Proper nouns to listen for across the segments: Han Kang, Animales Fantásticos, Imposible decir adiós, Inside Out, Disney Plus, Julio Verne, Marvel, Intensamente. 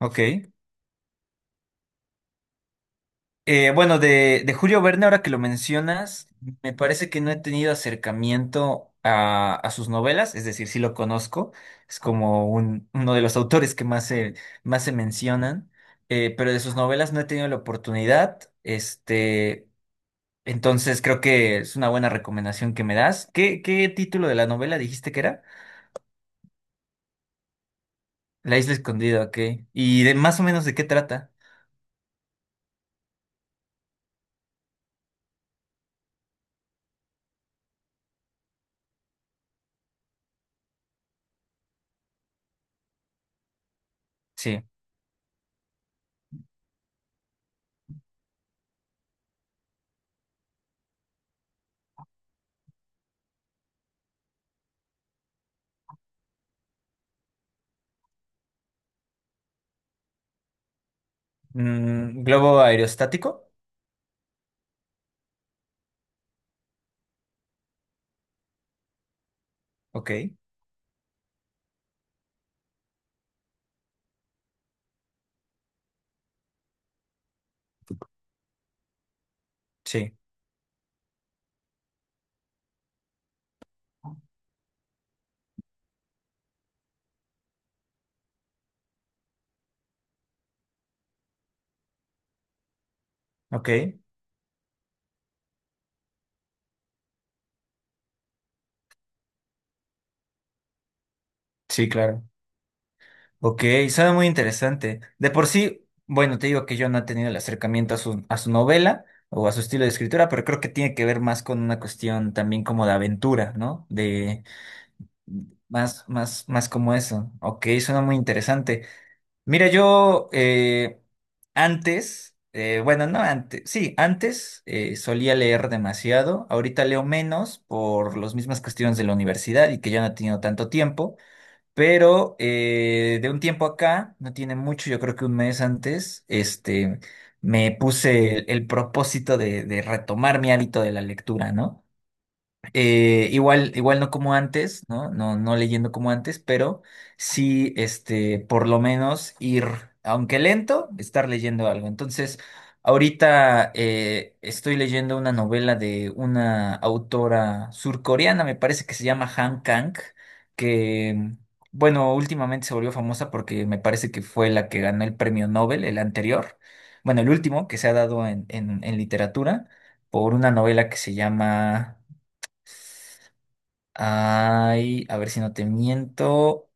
Ok. De Julio Verne, ahora que lo mencionas, me parece que no he tenido acercamiento a sus novelas, es decir, sí lo conozco, es como uno de los autores que más se mencionan, pero de sus novelas no he tenido la oportunidad, este, entonces creo que es una buena recomendación que me das. ¿Qué título de la novela dijiste que era? La isla escondida, ok. ¿Y de más o menos de qué trata? Sí. Mm, ¿globo aerostático? Ok, sí. Ok, sí, claro. Ok, suena muy interesante. De por sí, bueno, te digo que yo no he tenido el acercamiento a su novela o a su estilo de escritura, pero creo que tiene que ver más con una cuestión también como de aventura, ¿no? De más como eso. Ok, suena muy interesante. Mira, yo antes, no antes, sí, antes solía leer demasiado. Ahorita leo menos por las mismas cuestiones de la universidad y que ya no he tenido tanto tiempo. Pero de un tiempo acá, no tiene mucho, yo creo que un mes antes, este, me puse el propósito de retomar mi hábito de la lectura, ¿no? Igual no como antes, ¿no? No leyendo como antes, pero sí, este, por lo menos ir, aunque lento, estar leyendo algo. Entonces, ahorita estoy leyendo una novela de una autora surcoreana, me parece que se llama Han Kang, que, bueno, últimamente se volvió famosa porque me parece que fue la que ganó el premio Nobel, el anterior, bueno, el último que se ha dado en literatura, por una novela que se llama... Ay, a ver si no te miento.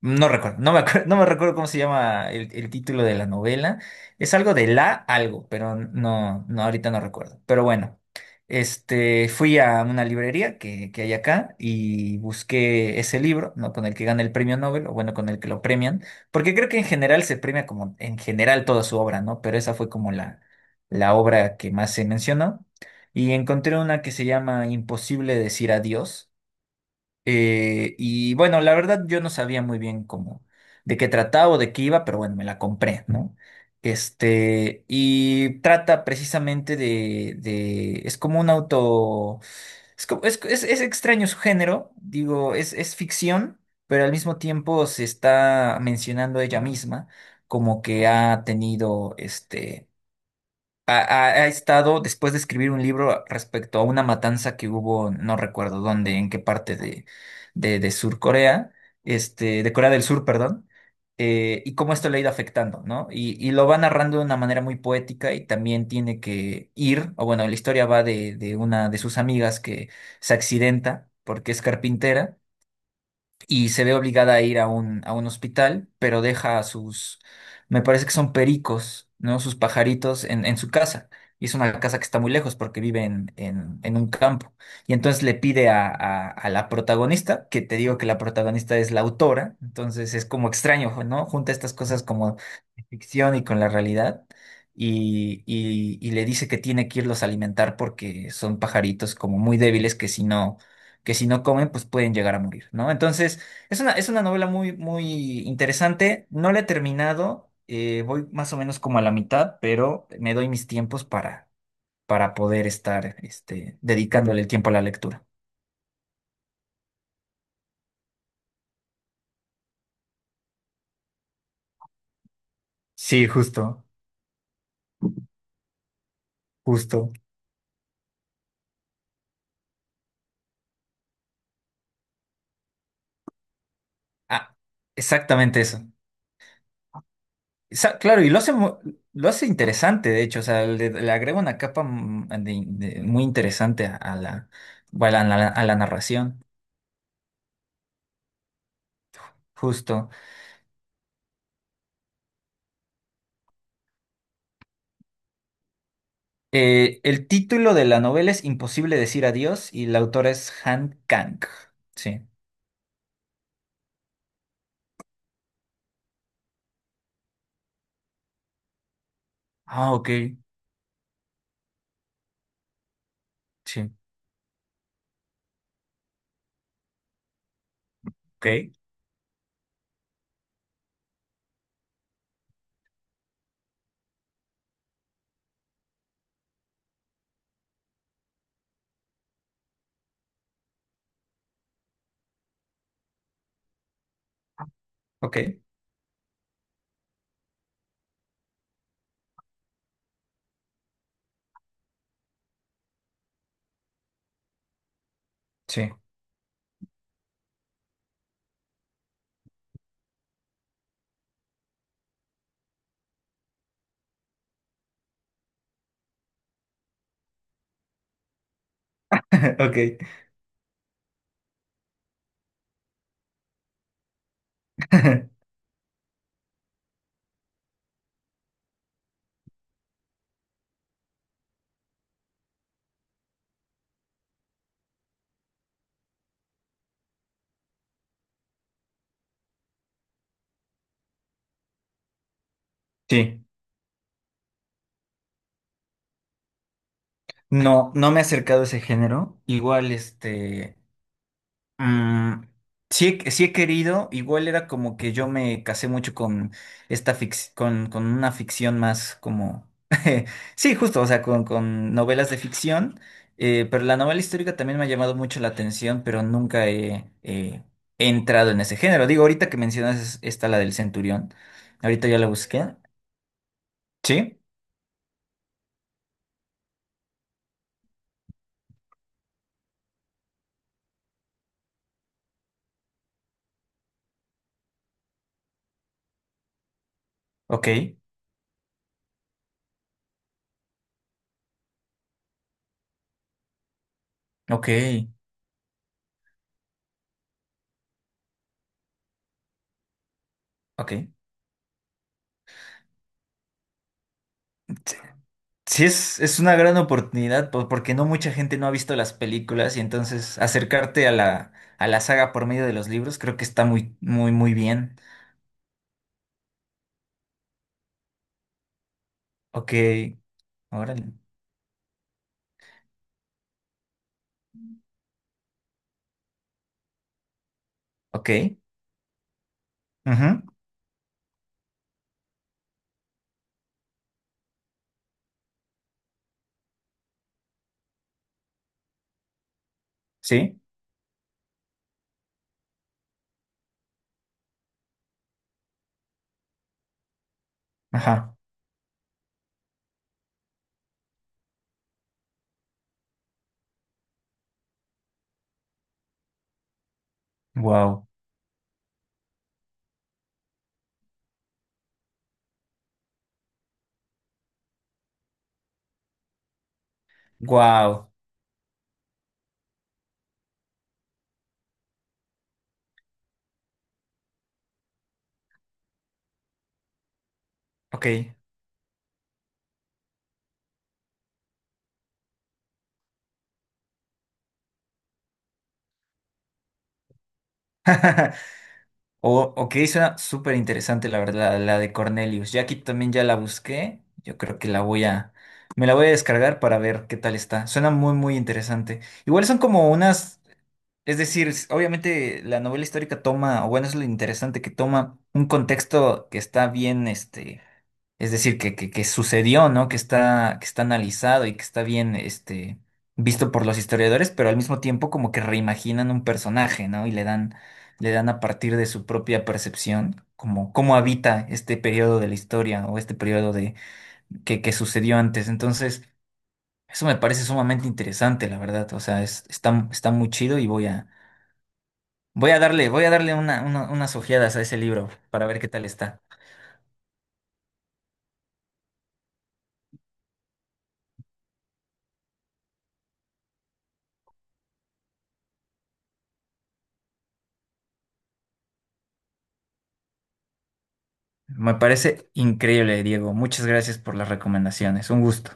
No me acuerdo, no me recuerdo cómo se llama el título de la novela. Es algo de la algo, pero ahorita no recuerdo. Pero bueno, este, fui a una librería que hay acá y busqué ese libro, ¿no? Con el que gana el premio Nobel, o bueno, con el que lo premian, porque creo que en general se premia como en general toda su obra, ¿no? Pero esa fue como la obra que más se mencionó. Y encontré una que se llama Imposible decir adiós, y bueno, la verdad yo no sabía muy bien cómo, de qué trataba o de qué iba, pero bueno, me la compré, ¿no? Este, y trata precisamente es como un auto, es extraño su género, digo, es ficción, pero al mismo tiempo se está mencionando ella misma como que ha tenido, este, ha estado después de escribir un libro respecto a una matanza que hubo, no recuerdo dónde, en qué parte de Sur Corea, este, de Corea del Sur, perdón, y cómo esto le ha ido afectando, ¿no? Y lo va narrando de una manera muy poética y también tiene que ir, o bueno, la historia va de una de sus amigas que se accidenta porque es carpintera y se ve obligada a ir a un hospital, pero deja a sus, me parece que son pericos, ¿no? Sus pajaritos en su casa. Y es una casa que está muy lejos porque vive en un campo. Y entonces le pide a la protagonista, que te digo que la protagonista es la autora, entonces es como extraño, ¿no? Junta estas cosas como de ficción y con la realidad. Y le dice que tiene que irlos a alimentar porque son pajaritos como muy débiles que si no comen, pues pueden llegar a morir, ¿no? Entonces, es una novela muy, muy interesante. No la he terminado. Voy más o menos como a la mitad, pero me doy mis tiempos para poder estar este, dedicándole el tiempo a la lectura. Sí, justo, justo. Ah, exactamente eso. Claro, y lo hace interesante, de hecho. O sea, le agrega una capa mm, muy interesante a, la, bueno, a la narración. Justo. El título de la novela es Imposible decir adiós y la autora es Han Kang. Sí. Ah, ok, sí, ok, ok, sí, ok. Sí. No, no me he acercado a ese género. Igual, este. Mm, sí he querido, igual era como que yo me casé mucho con con una ficción más como, sí, justo, o sea, con novelas de ficción, pero la novela histórica también me ha llamado mucho la atención, pero nunca he, he entrado en ese género. Digo, ahorita que mencionas esta, la del Centurión, ahorita ya la busqué, ¿sí? Ok, ok, ok. Es una gran oportunidad porque no mucha gente no ha visto las películas y entonces acercarte a a la saga por medio de los libros creo que está muy, muy, muy bien. Ok, órale. Ok. Ujú. Sí. Ajá. Wow. Wow. Ok. O, ok, suena súper interesante la verdad, la de Cornelius. Ya aquí también ya la busqué. Yo creo que me la voy a descargar para ver qué tal está. Suena muy, muy interesante. Igual son como unas... Es decir, obviamente la novela histórica toma, o bueno, es lo interesante que toma un contexto que está bien, este, es decir, que sucedió, ¿no? Que está analizado y que está bien, este, visto por los historiadores, pero al mismo tiempo como que reimaginan un personaje, ¿no? Le dan a partir de su propia percepción, como cómo habita este periodo de la historia o este periodo de que sucedió antes. Entonces, eso me parece sumamente interesante, la verdad. O sea, está muy chido y voy a darle, unas ojeadas a ese libro para ver qué tal está. Me parece increíble, Diego. Muchas gracias por las recomendaciones. Un gusto.